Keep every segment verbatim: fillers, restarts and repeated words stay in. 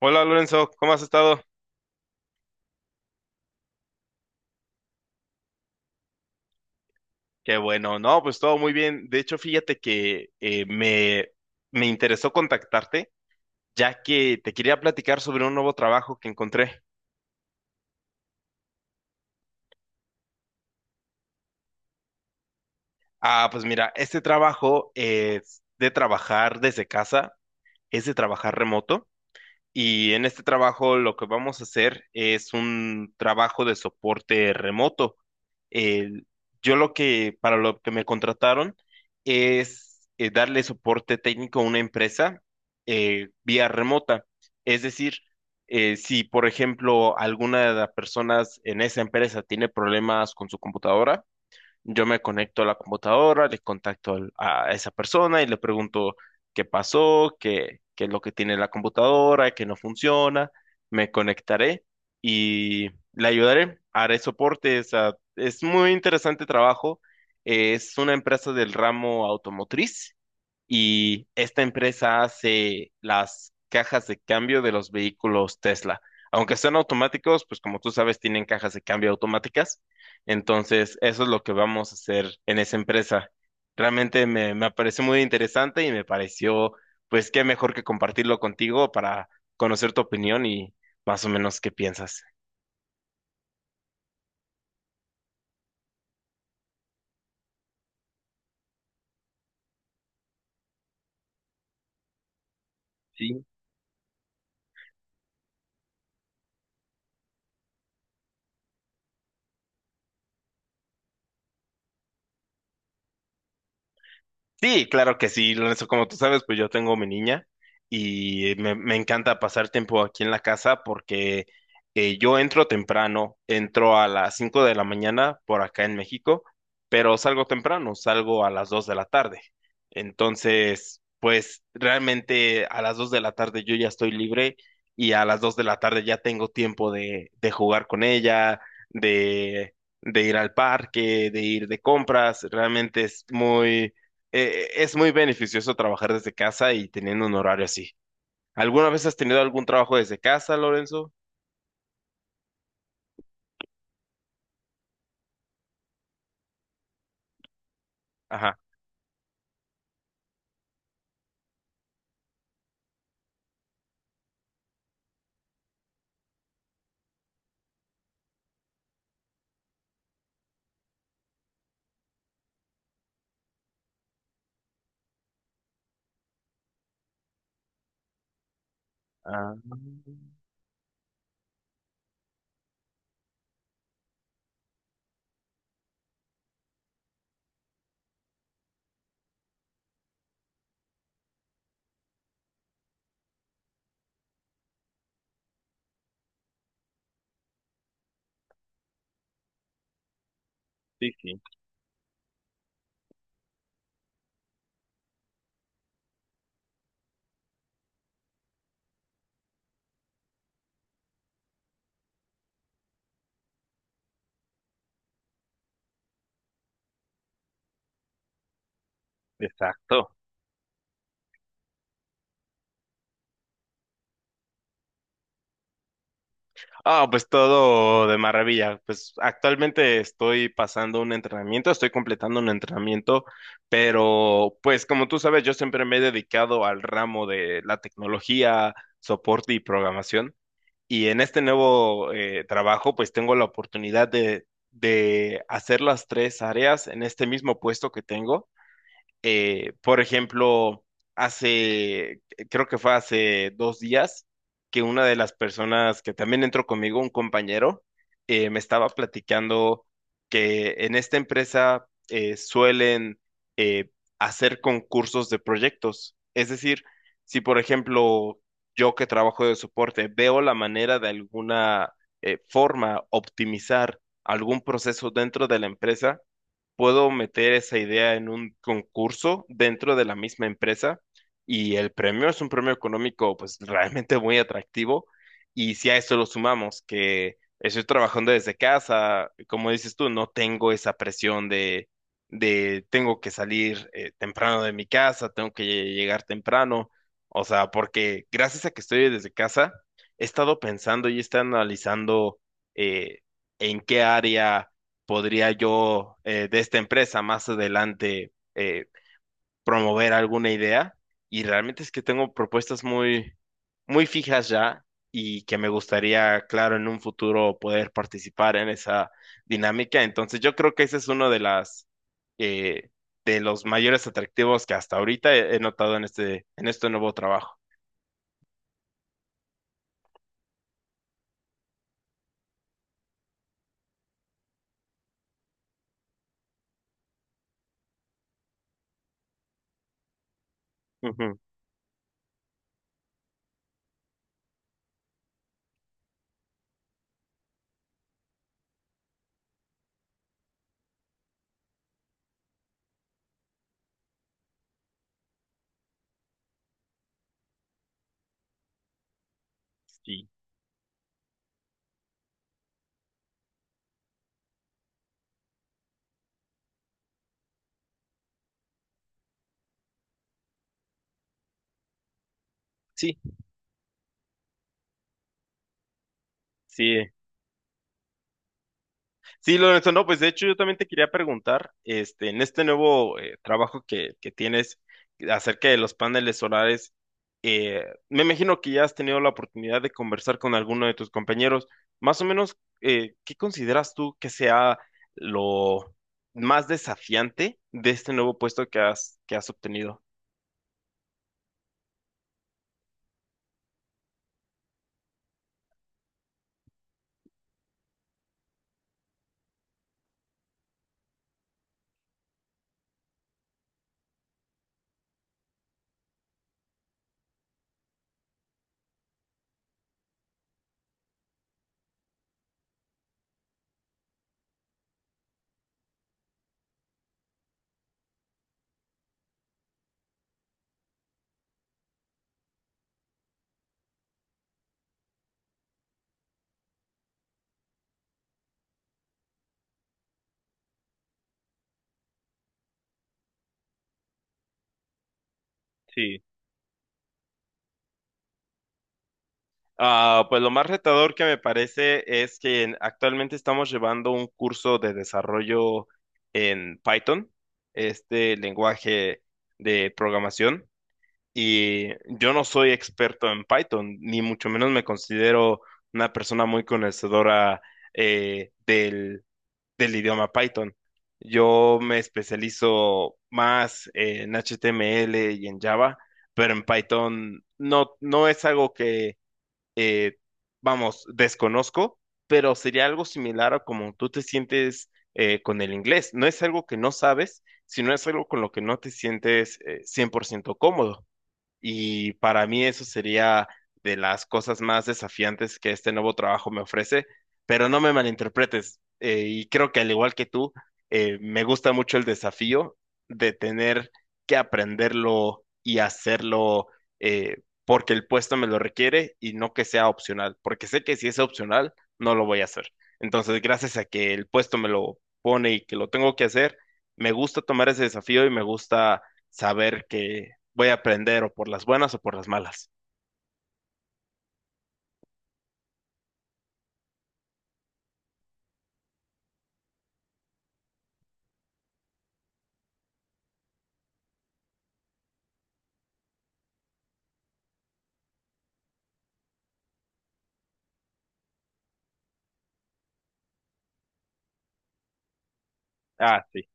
Hola Lorenzo, ¿cómo has estado? Qué bueno, no, pues todo muy bien. De hecho, fíjate que eh, me, me interesó contactarte, ya que te quería platicar sobre un nuevo trabajo que encontré. Ah, pues mira, este trabajo es de trabajar desde casa, es de trabajar remoto. Y en este trabajo lo que vamos a hacer es un trabajo de soporte remoto. El- yo lo que, para lo que me contrataron es eh, darle soporte técnico a una empresa eh, vía remota. Es decir, eh, si por ejemplo alguna de las personas en esa empresa tiene problemas con su computadora, yo me conecto a la computadora, le contacto al- a esa persona y le pregunto qué pasó, qué, qué es lo que tiene la computadora, qué no funciona. Me conectaré y le ayudaré. Haré soporte. o sea, es muy interesante trabajo. Es una empresa del ramo automotriz y esta empresa hace las cajas de cambio de los vehículos Tesla. Aunque sean automáticos, pues como tú sabes, tienen cajas de cambio automáticas. Entonces, eso es lo que vamos a hacer en esa empresa. Realmente me, me pareció muy interesante y me pareció, pues qué mejor que compartirlo contigo para conocer tu opinión y más o menos qué piensas. Sí. Sí, claro que sí, Lorenzo, como tú sabes, pues yo tengo mi niña y me, me encanta pasar tiempo aquí en la casa porque eh, yo entro temprano, entro a las cinco de la mañana por acá en México, pero salgo temprano, salgo a las dos de la tarde. Entonces, pues realmente a las dos de la tarde yo ya estoy libre y a las dos de la tarde ya tengo tiempo de, de jugar con ella, de, de ir al parque, de ir de compras, realmente es muy eh, es muy beneficioso trabajar desde casa y teniendo un horario así. ¿Alguna vez has tenido algún trabajo desde casa, Lorenzo? Ajá. Ah, sí, sí, exacto. Ah, pues todo de maravilla. Pues actualmente estoy pasando un entrenamiento, estoy completando un entrenamiento, pero pues como tú sabes, yo siempre me he dedicado al ramo de la tecnología, soporte y programación. Y en este nuevo eh, trabajo, pues tengo la oportunidad de, de hacer las tres áreas en este mismo puesto que tengo. Eh, por ejemplo, hace, creo que fue hace dos días, que una de las personas que también entró conmigo, un compañero, eh, me estaba platicando que en esta empresa eh, suelen eh, hacer concursos de proyectos. Es decir, si por ejemplo yo que trabajo de soporte veo la manera de alguna eh, forma optimizar algún proceso dentro de la empresa, puedo meter esa idea en un concurso dentro de la misma empresa y el premio es un premio económico pues realmente muy atractivo y si a eso lo sumamos que estoy trabajando desde casa, como dices tú, no tengo esa presión de, de tengo que salir eh, temprano de mi casa, tengo que llegar temprano, o sea, porque gracias a que estoy desde casa, he estado pensando y he estado analizando eh, en qué área podría yo eh, de esta empresa más adelante eh, promover alguna idea. Y realmente es que tengo propuestas muy, muy fijas ya y que me gustaría, claro, en un futuro poder participar en esa dinámica. Entonces yo creo que ese es uno de las eh, de los mayores atractivos que hasta ahorita he, he notado en este, en este nuevo trabajo. Ujú. Sí, sí, sí. Sí, Lorenzo, no, pues de hecho yo también te quería preguntar, este, en este nuevo eh, trabajo que, que tienes acerca de los paneles solares, eh, me imagino que ya has tenido la oportunidad de conversar con alguno de tus compañeros. Más o menos, eh, ¿qué consideras tú que sea lo más desafiante de este nuevo puesto que has, que has obtenido? Sí. Ah, pues lo más retador que me parece es que en- actualmente estamos llevando un curso de desarrollo en Python, este lenguaje de programación, y yo no soy experto en Python, ni mucho menos me considero una persona muy conocedora eh, del, del idioma Python. Yo me especializo más en H T M L y en Java, pero en Python no, no es algo que eh, vamos, desconozco, pero sería algo similar a como tú te sientes eh, con el inglés. No es algo que no sabes, sino es algo con lo que no te sientes eh, cien por ciento cómodo. Y para mí eso sería de las cosas más desafiantes que este nuevo trabajo me ofrece, pero no me malinterpretes. eh, y creo que al igual que tú, eh, me gusta mucho el desafío de tener que aprenderlo y hacerlo eh, porque el puesto me lo requiere y no que sea opcional, porque sé que si es opcional, no lo voy a hacer. Entonces, gracias a que el puesto me lo pone y que lo tengo que hacer, me gusta tomar ese desafío y me gusta saber que voy a aprender o por las buenas o por las malas. Ah, sí.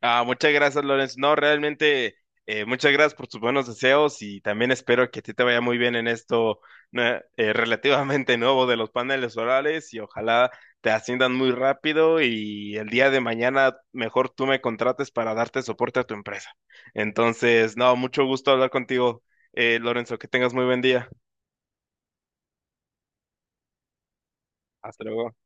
Ah, muchas gracias, Lorenz. No, realmente, eh, muchas gracias por tus buenos deseos y también espero que a ti te vaya muy bien en esto ne- eh, relativamente nuevo de los paneles orales y ojalá te asciendan muy rápido y el día de mañana mejor tú me contrates para darte soporte a tu empresa. Entonces, no, mucho gusto hablar contigo, eh, Lorenzo. Que tengas muy buen día. Hasta luego.